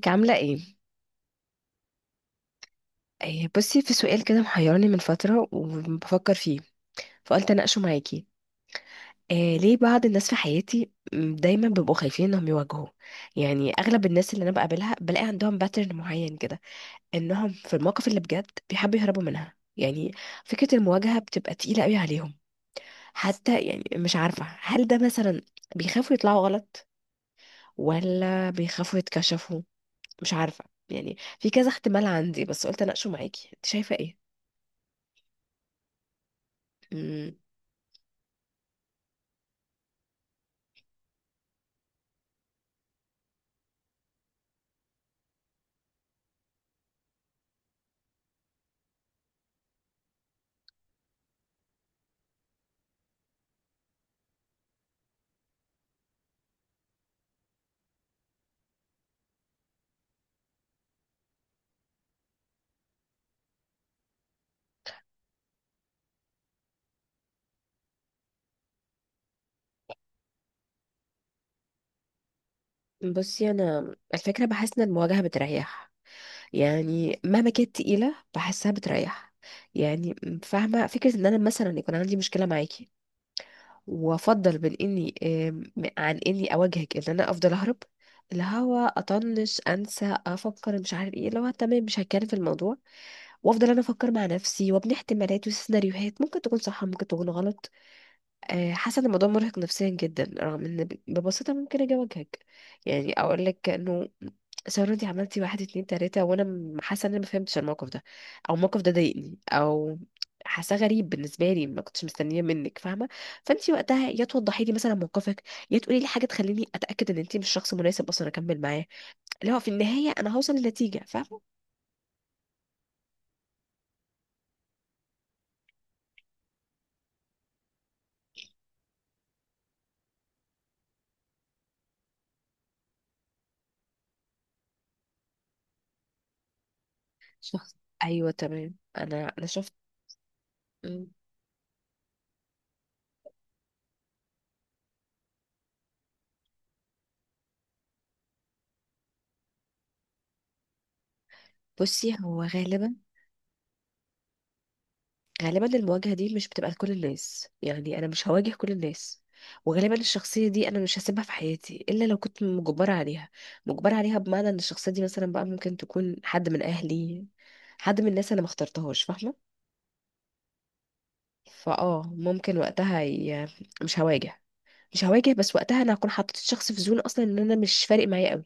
ازيك عاملة ايه؟ بصي في سؤال كده محيرني من فترة وبفكر فيه فقلت اناقشه معاكي. آه ليه بعض الناس في حياتي دايما بيبقوا خايفين انهم يواجهوا. يعني اغلب الناس اللي انا بقابلها بلاقي عندهم باترن معين كده، انهم في المواقف اللي بجد بيحبوا يهربوا منها يعني. فكرة المواجهة بتبقى تقيلة قوي عليهم. حتى يعني مش عارفة هل ده مثلا بيخافوا يطلعوا غلط، ولا بيخافوا يتكشفوا، مش عارفة. يعني في كذا احتمال عندي، بس قلت اناقشه معاكي. انت شايفة ايه؟ مم. بصي انا الفكره بحس ان المواجهه بتريح. يعني مهما كانت تقيله بحسها بتريح. يعني فاهمه فكره ان انا مثلا يكون عندي مشكله معاكي، وافضل بين اني عن اني اواجهك، ان انا افضل اهرب، اللي هو اطنش انسى افكر مش عارف ايه، اللي هو تمام مش هتكلم في الموضوع وافضل انا افكر مع نفسي وابني احتمالات وسيناريوهات ممكن تكون صح ممكن تكون غلط. حاسه ان الموضوع مرهق نفسيا جدا، رغم ان ببساطه ممكن اجي اواجهك. يعني اقول لك انه سارة انت عملتي واحد اتنين تلاته، وانا حاسه ان انا ما فهمتش الموقف ده، او الموقف ده ضايقني، او حاساه غريب بالنسبه لي ما كنتش مستنيه منك، فاهمه. فانت وقتها يا توضحي لي مثلا موقفك، يا تقولي لي حاجه تخليني اتاكد ان انت مش شخص مناسب اصلا اكمل معاه، اللي هو في النهايه انا هوصل لنتيجه، فاهمه. شخص، ايوه تمام، انا شفت. مم. بصي هو غالبا، غالبا المواجهة دي مش بتبقى لكل الناس، يعني أنا مش هواجه كل الناس. وغالبا الشخصية دي أنا مش هسيبها في حياتي إلا لو كنت مجبرة عليها. مجبرة عليها بمعنى إن الشخصية دي مثلا بقى ممكن تكون حد من أهلي، حد من الناس أنا ما اخترتهاش، فاهمة. فأه ممكن وقتها ي... مش هواجه، مش هواجه، بس وقتها أنا هكون حطيت الشخص في زون أصلا، إن أنا مش فارق معايا قوي.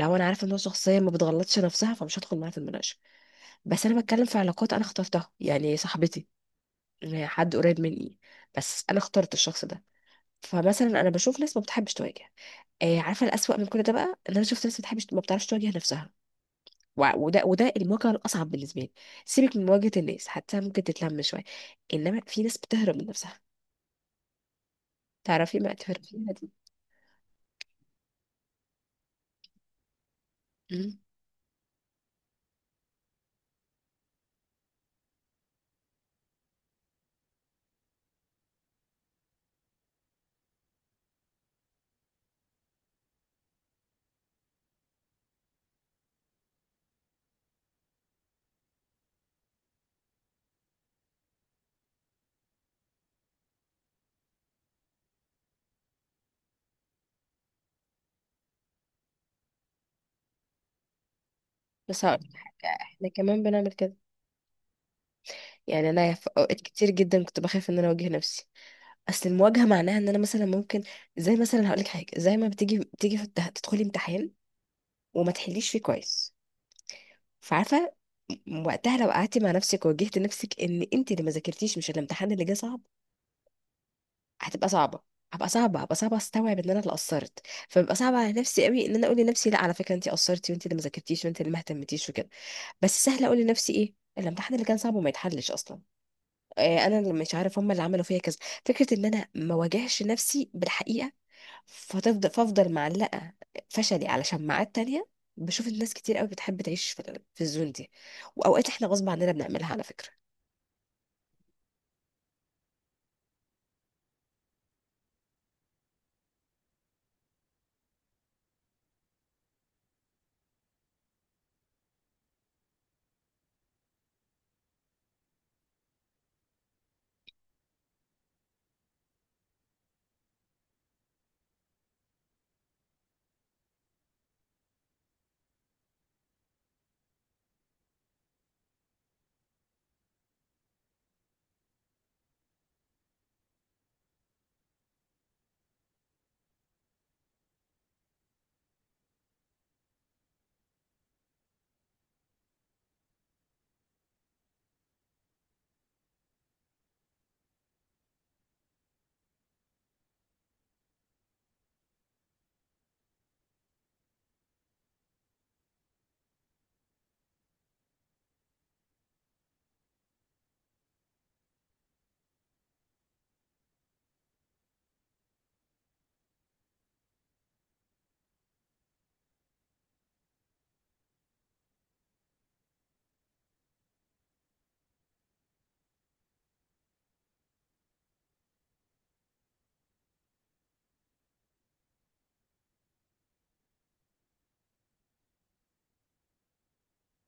لو أنا عارفة إن هو شخصية ما بتغلطش نفسها، فمش هدخل معاها في المناقشة. بس أنا بتكلم في علاقات أنا اخترتها، يعني صاحبتي، حد قريب مني، بس انا اخترت الشخص ده. فمثلا انا بشوف ناس ما بتحبش تواجه. آه عارفه الأسوأ من كل ده بقى، ان انا شفت ناس ما بتحبش ما بتعرفش تواجه نفسها. وده المواجهه الاصعب بالنسبه لي. سيبك من مواجهه الناس حتى ممكن تتلم شويه، انما في ناس بتهرب من نفسها. تعرفي ما تهربيها دي. مم. بس هقول لك حاجه، احنا كمان بنعمل كده. يعني انا في اوقات كتير جدا كنت بخاف ان انا اواجه نفسي. اصل المواجهه معناها ان انا مثلا ممكن، زي مثلا هقول لك حاجه، زي ما بتيجي تدخلي امتحان وما تحليش فيه كويس. فعارفه، وقتها لو قعدتي مع نفسك وواجهت نفسك ان انت اللي ما ذاكرتيش، مش الامتحان اللي جه صعب، هتبقى صعبه. هبقى صعبه، هبقى صعبه استوعب ان انا اللي قصرت. فببقى صعبه على نفسي قوي ان انا اقول لنفسي لا على فكره انت قصرتي، وانت اللي ما ذاكرتيش، وانت اللي ما اهتمتيش، وكده. بس سهله اقول لنفسي ايه الامتحان اللي كان صعب وما يتحلش اصلا. انا اللي مش عارف، هم اللي عملوا فيا كذا. فكره ان انا ما واجهش نفسي بالحقيقه، فافضل معلقة، فشلي على شماعات تانية. بشوف الناس كتير قوي بتحب تعيش في الزون دي. واوقات احنا غصب عننا بنعملها على فكرة.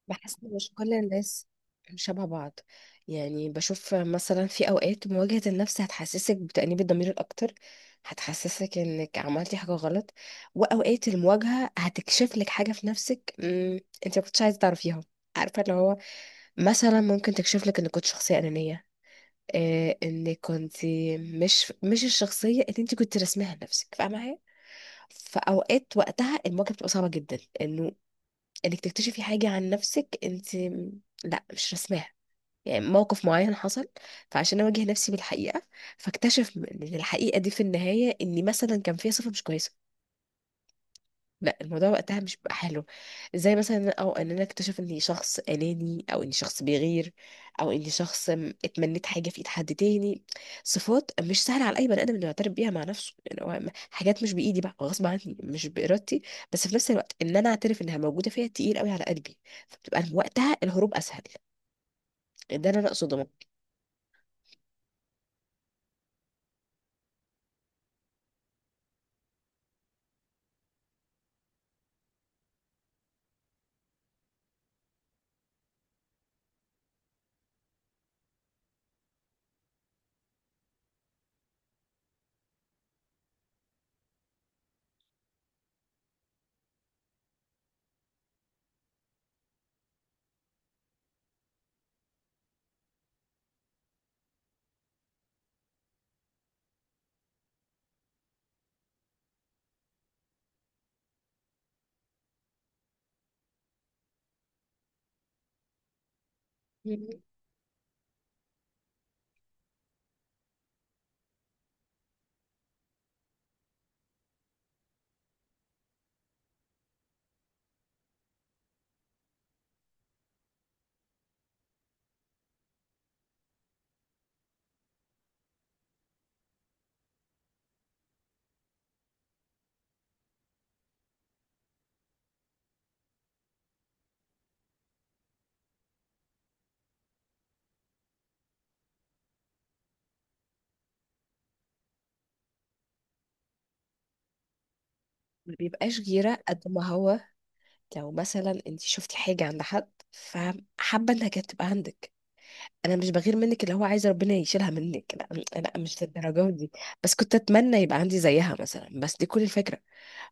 بحس ان مش كل الناس شبه بعض. يعني بشوف مثلا في اوقات مواجهة النفس هتحسسك بتأنيب الضمير الاكتر، هتحسسك انك عملتي حاجة غلط. واوقات المواجهة هتكشف لك حاجة في نفسك انت ما كنتش عايزة تعرفيها. عارفة اللي هو، مثلا ممكن تكشف لك انك كنت شخصية أنانية، آه ان كنت مش الشخصيه اللي انت كنت رسمها لنفسك، فاهمه معايا. فاوقات وقتها المواجهه بتبقى صعبه جدا انه، انك تكتشفي حاجه عن نفسك انت لا مش رسماها، يعني موقف معين حصل. فعشان اواجه نفسي بالحقيقه، فاكتشف ان الحقيقه دي في النهايه اني مثلا كان فيها صفه مش كويسه، لا الموضوع وقتها مش بيبقى حلو. زي مثلا او ان انا اكتشف اني شخص اناني، او اني شخص بيغير، او اني شخص اتمنيت حاجه في ايد حد تاني. صفات مش سهله على اي بني ادم انه يعترف بيها مع نفسه، يعني هو حاجات مش بايدي بقى، غصب عني مش بارادتي، بس في نفس الوقت ان انا اعترف انها موجوده فيا تقيل قوي على قلبي. فبتبقى وقتها الهروب اسهل. ده اللي انا اقصده. مم. ما بيبقاش غيرة قد ما هو، لو مثلا انت شفتي حاجة عند حد فحابة انها كانت تبقى عندك. انا مش بغير منك اللي هو عايز ربنا يشيلها منك، لا لا مش للدرجه دي. بس كنت اتمنى يبقى عندي زيها مثلا، بس دي كل الفكره.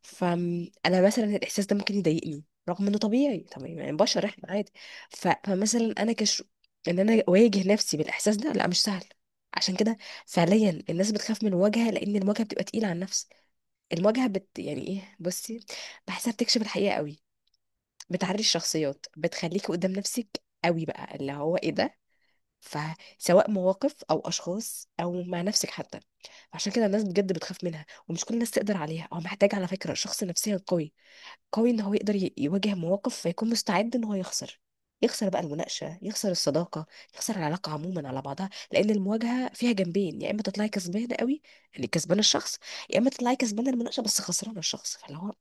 فانا مثلا الاحساس ده ممكن يضايقني رغم انه طبيعي، طبيعي يعني بشر احنا عادي. فمثلا انا كش، ان انا اواجه نفسي بالاحساس ده لا مش سهل. عشان كده فعليا الناس بتخاف من الواجهه، لان الواجهه بتبقى تقيله على النفس. المواجهه بت يعني ايه، بصي بحسها بتكشف الحقيقه قوي، بتعري الشخصيات، بتخليكي قدام نفسك قوي بقى، اللي هو ايه ده. فسواء مواقف او اشخاص او مع نفسك حتى. عشان كده الناس بجد بتخاف منها، ومش كل الناس تقدر عليها، او محتاج على فكرة شخص نفسيا قوي، قوي ان هو يقدر يواجه مواقف، فيكون مستعد ان هو يخسر. يخسر بقى المناقشة، يخسر الصداقة، يخسر العلاقة عموما على بعضها، لأن المواجهة فيها جنبين، يا إما تطلعي كسبانة قوي، يعني كسبانة الشخص، يا إما تطلعي كسبانة المناقشة بس خسرانة الشخص، فاللي هو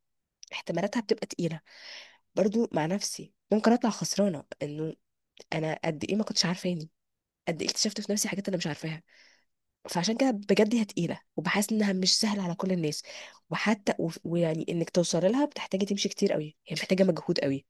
احتمالاتها بتبقى تقيلة. برضو مع نفسي ممكن أطلع خسرانة، إنه أنا قد إيه ما كنتش عارفاني، قد ايه اكتشفت في نفسي حاجات انا مش عارفاها. فعشان كده بجد هي تقيله، وبحس انها مش سهله على كل الناس، وحتى وف- ويعني انك توصل لها بتحتاجي تمشي كتير قوي، هي محتاجه مجهود قوي.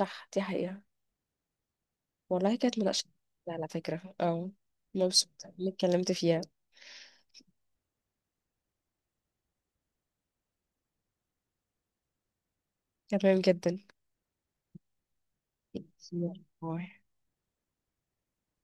صح دي حقيقه. والله كانت مناقشه على فكره، اه مبسوطه اني اتكلمت فيها. تمام جدا. باي.